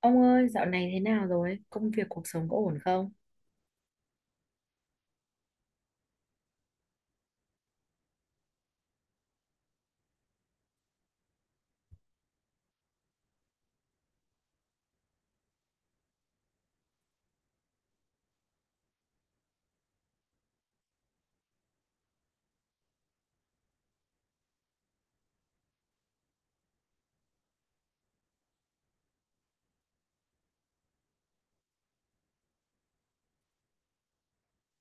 Ông ơi, dạo này thế nào rồi? Công việc cuộc sống có ổn không?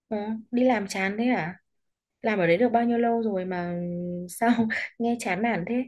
Ờ, Đi làm chán thế à? Làm ở đấy được bao nhiêu lâu rồi mà sao nghe chán nản thế?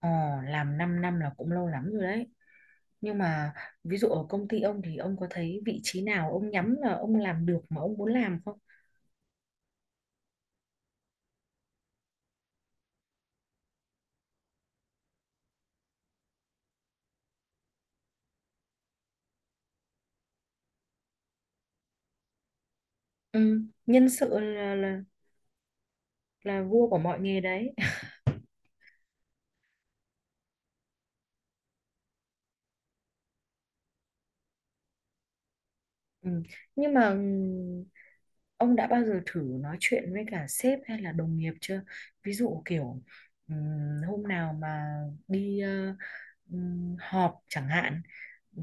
Ờ, làm 5 năm là cũng lâu lắm rồi đấy. Nhưng mà ví dụ ở công ty ông thì ông có thấy vị trí nào ông nhắm là ông làm được mà ông muốn làm không? Ừ, nhân sự là vua của mọi nghề đấy. Ừ. Nhưng mà ông đã bao giờ thử nói chuyện với cả sếp hay là đồng nghiệp chưa? Ví dụ kiểu ừm, hôm nào mà đi họp chẳng hạn,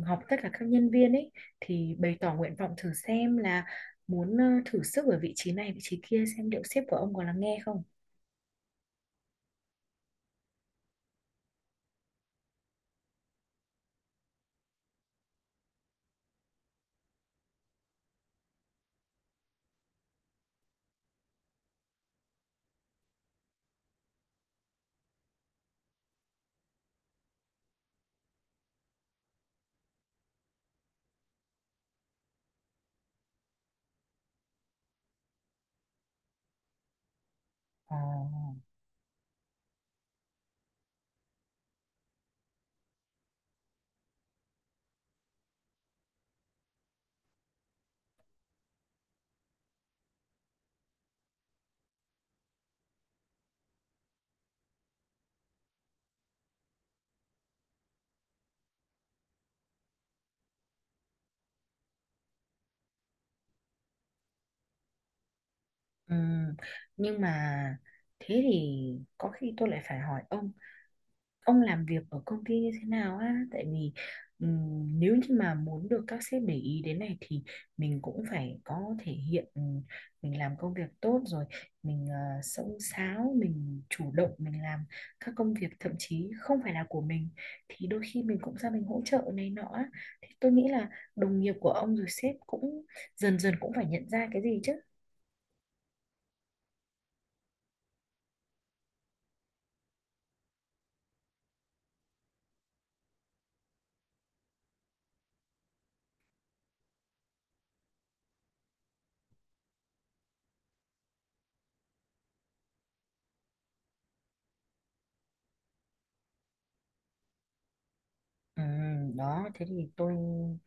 họp tất cả các nhân viên ấy thì bày tỏ nguyện vọng thử xem là muốn thử sức ở vị trí này vị trí kia xem liệu sếp của ông có lắng nghe không? Ồ, ừm, nhưng mà thế thì có khi tôi lại phải hỏi ông làm việc ở công ty như thế nào á, tại vì nếu như mà muốn được các sếp để ý đến này thì mình cũng phải có thể hiện, mình làm công việc tốt rồi, mình xông xáo, mình chủ động mình làm các công việc thậm chí không phải là của mình thì đôi khi mình cũng ra mình hỗ trợ này nọ á. Thì tôi nghĩ là đồng nghiệp của ông rồi sếp cũng dần dần cũng phải nhận ra cái gì chứ. Ừ, đó thế thì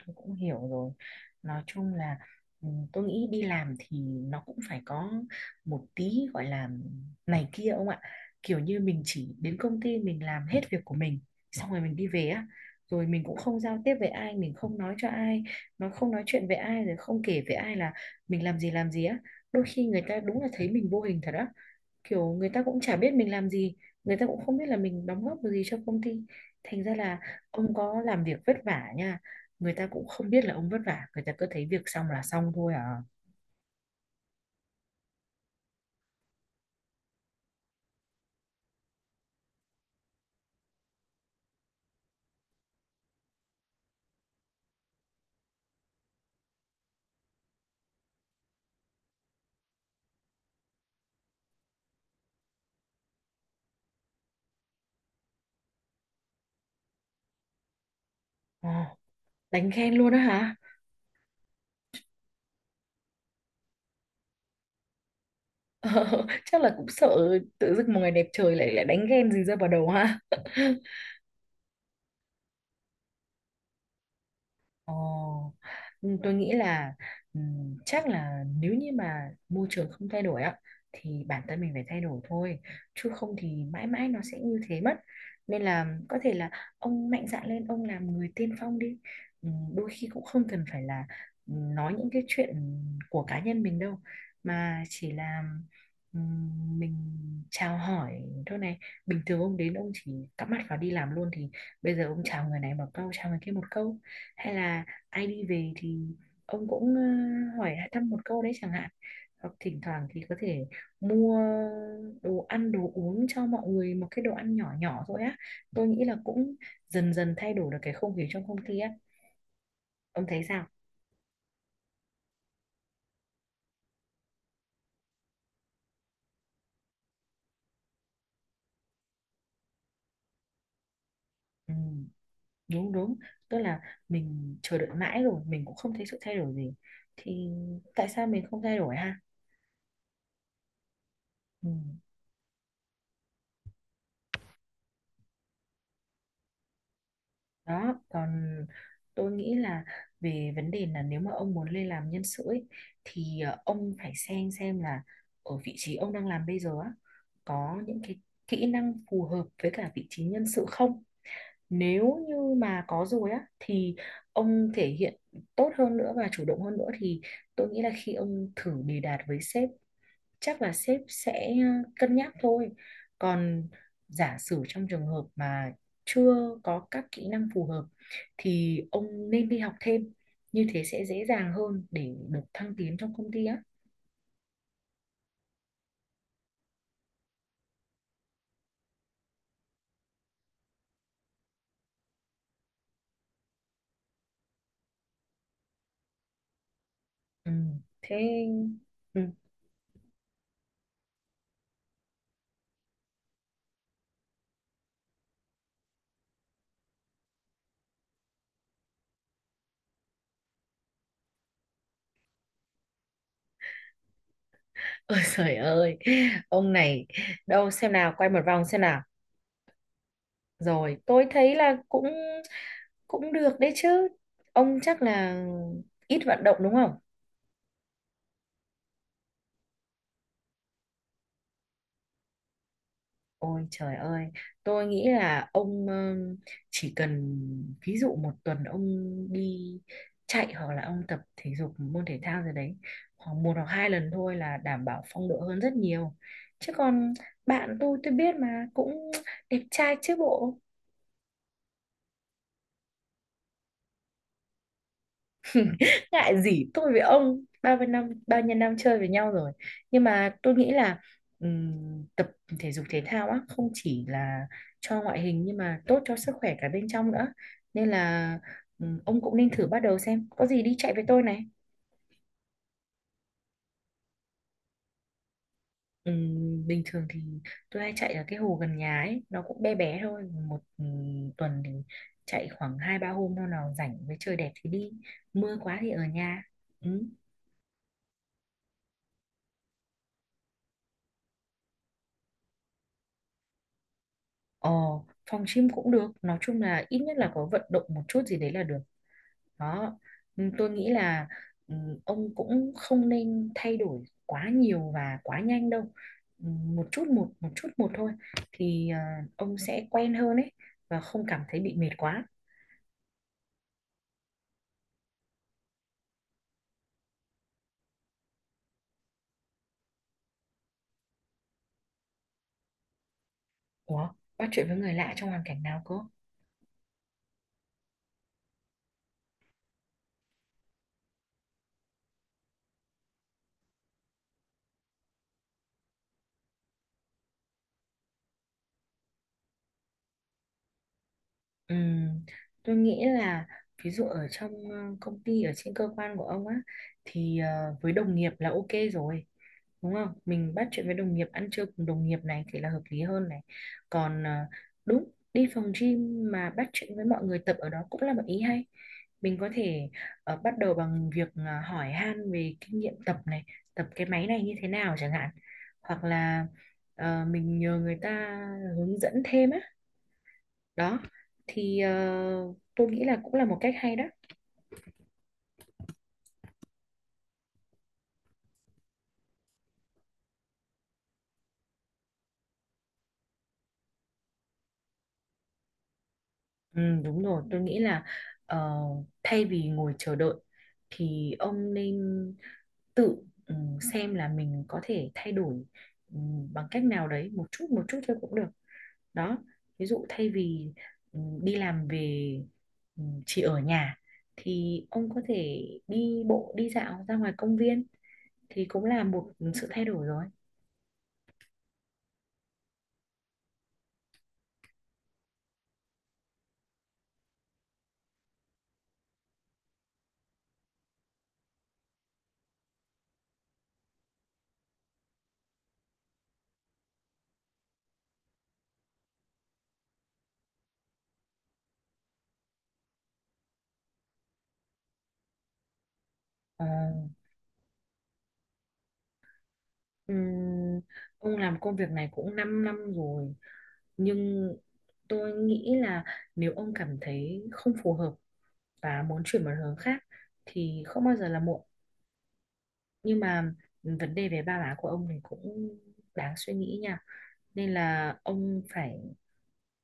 tôi cũng hiểu rồi, nói chung là ừ, tôi nghĩ đi làm thì nó cũng phải có một tí gọi là này kia ông ạ, kiểu như mình chỉ đến công ty mình làm hết việc của mình, xong rồi mình đi về á, rồi mình cũng không giao tiếp với ai, mình không nói cho ai, nó không nói chuyện với ai rồi không kể với ai là mình làm gì á, đôi khi người ta đúng là thấy mình vô hình thật á, kiểu người ta cũng chả biết mình làm gì, người ta cũng không biết là mình đóng góp được gì cho công ty, thành ra là ông có làm việc vất vả nha, người ta cũng không biết là ông vất vả, người ta cứ thấy việc xong là xong thôi à. Ồ, đánh ghen luôn á hả Ờ, chắc là cũng sợ tự dưng một ngày đẹp trời lại lại đánh ghen gì rơi vào đầu ha Ồ, ừ, tôi nghĩ là chắc là nếu như mà môi trường không thay đổi á thì bản thân mình phải thay đổi thôi, chứ không thì mãi mãi nó sẽ như thế mất, nên là có thể là ông mạnh dạn lên ông làm người tiên phong đi. Đôi khi cũng không cần phải là nói những cái chuyện của cá nhân mình đâu, mà chỉ là mình chào hỏi thôi này, bình thường ông đến ông chỉ cắm mặt vào đi làm luôn, thì bây giờ ông chào người này một câu chào người kia một câu, hay là ai đi về thì ông cũng hỏi thăm một câu đấy chẳng hạn, hoặc thỉnh thoảng thì có thể mua đồ ăn đồ uống cho mọi người, một cái đồ ăn nhỏ nhỏ thôi á, tôi nghĩ là cũng dần dần thay đổi được cái không khí trong công ty á. Ông thấy sao? Ừ, đúng đúng, tức là mình chờ đợi mãi rồi mình cũng không thấy sự thay đổi gì, thì tại sao mình không thay đổi ha. Ừ. Đó còn tôi nghĩ là về vấn đề là nếu mà ông muốn lên làm nhân sự ấy, thì ông phải xem là ở vị trí ông đang làm bây giờ á, có những cái kỹ năng phù hợp với cả vị trí nhân sự không, nếu như mà có rồi á thì ông thể hiện tốt hơn nữa và chủ động hơn nữa, thì tôi nghĩ là khi ông thử đề đạt với sếp, chắc là sếp sẽ cân nhắc thôi. Còn giả sử trong trường hợp mà chưa có các kỹ năng phù hợp thì ông nên đi học thêm. Như thế sẽ dễ dàng hơn để được thăng tiến trong công ty á. Ừ, thế ừ. Ôi trời ơi, ông này, đâu xem nào, quay một vòng xem nào. Rồi, tôi thấy là cũng cũng được đấy chứ. Ông chắc là ít vận động đúng không? Ôi trời ơi, tôi nghĩ là ông chỉ cần ví dụ một tuần ông đi chạy hoặc là ông tập thể dục môn thể thao gì đấy khoảng một hoặc hai lần thôi là đảm bảo phong độ hơn rất nhiều. Chứ còn bạn tôi biết mà cũng đẹp trai chứ bộ. Ngại gì, tôi với ông bao nhiêu năm chơi với nhau rồi, nhưng mà tôi nghĩ là tập thể dục thể thao á không chỉ là cho ngoại hình nhưng mà tốt cho sức khỏe cả bên trong nữa, nên là ông cũng nên thử bắt đầu xem, có gì đi chạy với tôi này. Bình thường thì tôi hay chạy ở cái hồ gần nhà ấy, nó cũng bé bé thôi, một tuần thì chạy khoảng hai ba hôm, hôm nào rảnh với trời đẹp thì đi, mưa quá thì ở nhà. Ừ. Ờ, phòng gym cũng được, nói chung là ít nhất là có vận động một chút gì đấy là được. Đó. Ừ, tôi nghĩ là ừ, ông cũng không nên thay đổi quá nhiều và quá nhanh đâu. Ừ, một chút một một chút một thôi, thì à, ông sẽ quen hơn ấy và không cảm thấy bị mệt quá. Ủa, bắt chuyện với người lạ trong hoàn cảnh nào cơ? Ừm, tôi nghĩ là ví dụ ở trong công ty ở trên cơ quan của ông á, thì với đồng nghiệp là ok rồi, đúng không, mình bắt chuyện với đồng nghiệp, ăn trưa cùng đồng nghiệp này thì là hợp lý hơn này. Còn à, đúng đi phòng gym mà bắt chuyện với mọi người tập ở đó cũng là một ý hay, mình có thể bắt đầu bằng việc à, hỏi han về kinh nghiệm tập này, tập cái máy này như thế nào chẳng hạn, hoặc là mình nhờ người ta hướng dẫn thêm á, đó thì tôi nghĩ là cũng là một cách hay đó. Ừ, đúng rồi, tôi nghĩ là ờ, thay vì ngồi chờ đợi thì ông nên tự ừ, xem là mình có thể thay đổi ừ, bằng cách nào đấy, một chút thôi cũng được. Đó, ví dụ thay vì ừ, đi làm về ừ, chỉ ở nhà, thì ông có thể đi bộ đi dạo ra ngoài công viên, thì cũng là một sự thay đổi rồi. Ờ. Ừm, ông làm công việc này cũng 5 năm rồi, nhưng tôi nghĩ là nếu ông cảm thấy không phù hợp và muốn chuyển một hướng khác thì không bao giờ là muộn, nhưng mà vấn đề về ba má của ông thì cũng đáng suy nghĩ nha, nên là ông phải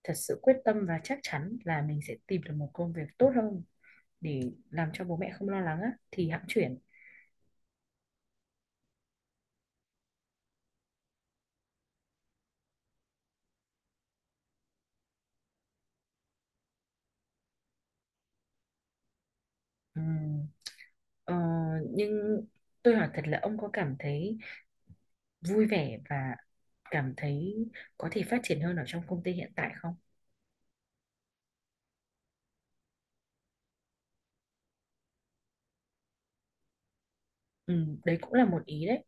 thật sự quyết tâm và chắc chắn là mình sẽ tìm được một công việc tốt hơn để làm cho bố mẹ không lo lắng á thì hẵng chuyển. Ừm, ờ, nhưng tôi hỏi thật là ông có cảm thấy vui vẻ và cảm thấy có thể phát triển hơn ở trong công ty hiện tại không? Ừ, đấy cũng là một ý đấy.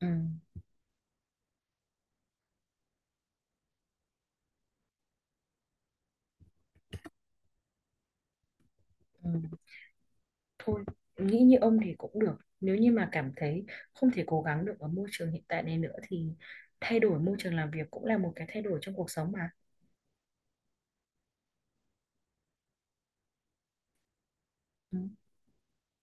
Ừ, ừ, thôi, nghĩ như ông thì cũng được. Nếu như mà cảm thấy không thể cố gắng được ở môi trường hiện tại này nữa thì thay đổi môi trường làm việc cũng là một cái thay đổi trong cuộc sống mà. Ừ.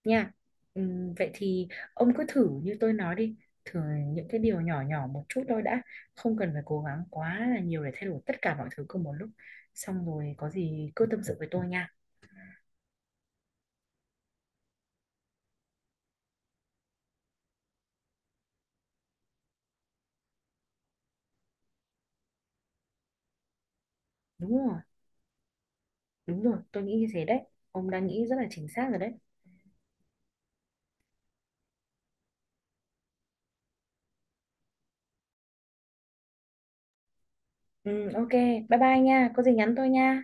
Nha. Vậy thì ông cứ thử như tôi nói đi, thử những cái điều nhỏ nhỏ một chút thôi đã, không cần phải cố gắng quá là nhiều để thay đổi tất cả mọi thứ cùng một lúc. Xong rồi có gì cứ tâm sự với tôi nha. Đúng rồi, đúng rồi, tôi nghĩ như thế đấy. Ông đang nghĩ rất là chính xác rồi đấy. Ok, bye bye nha, có gì nhắn tôi nha.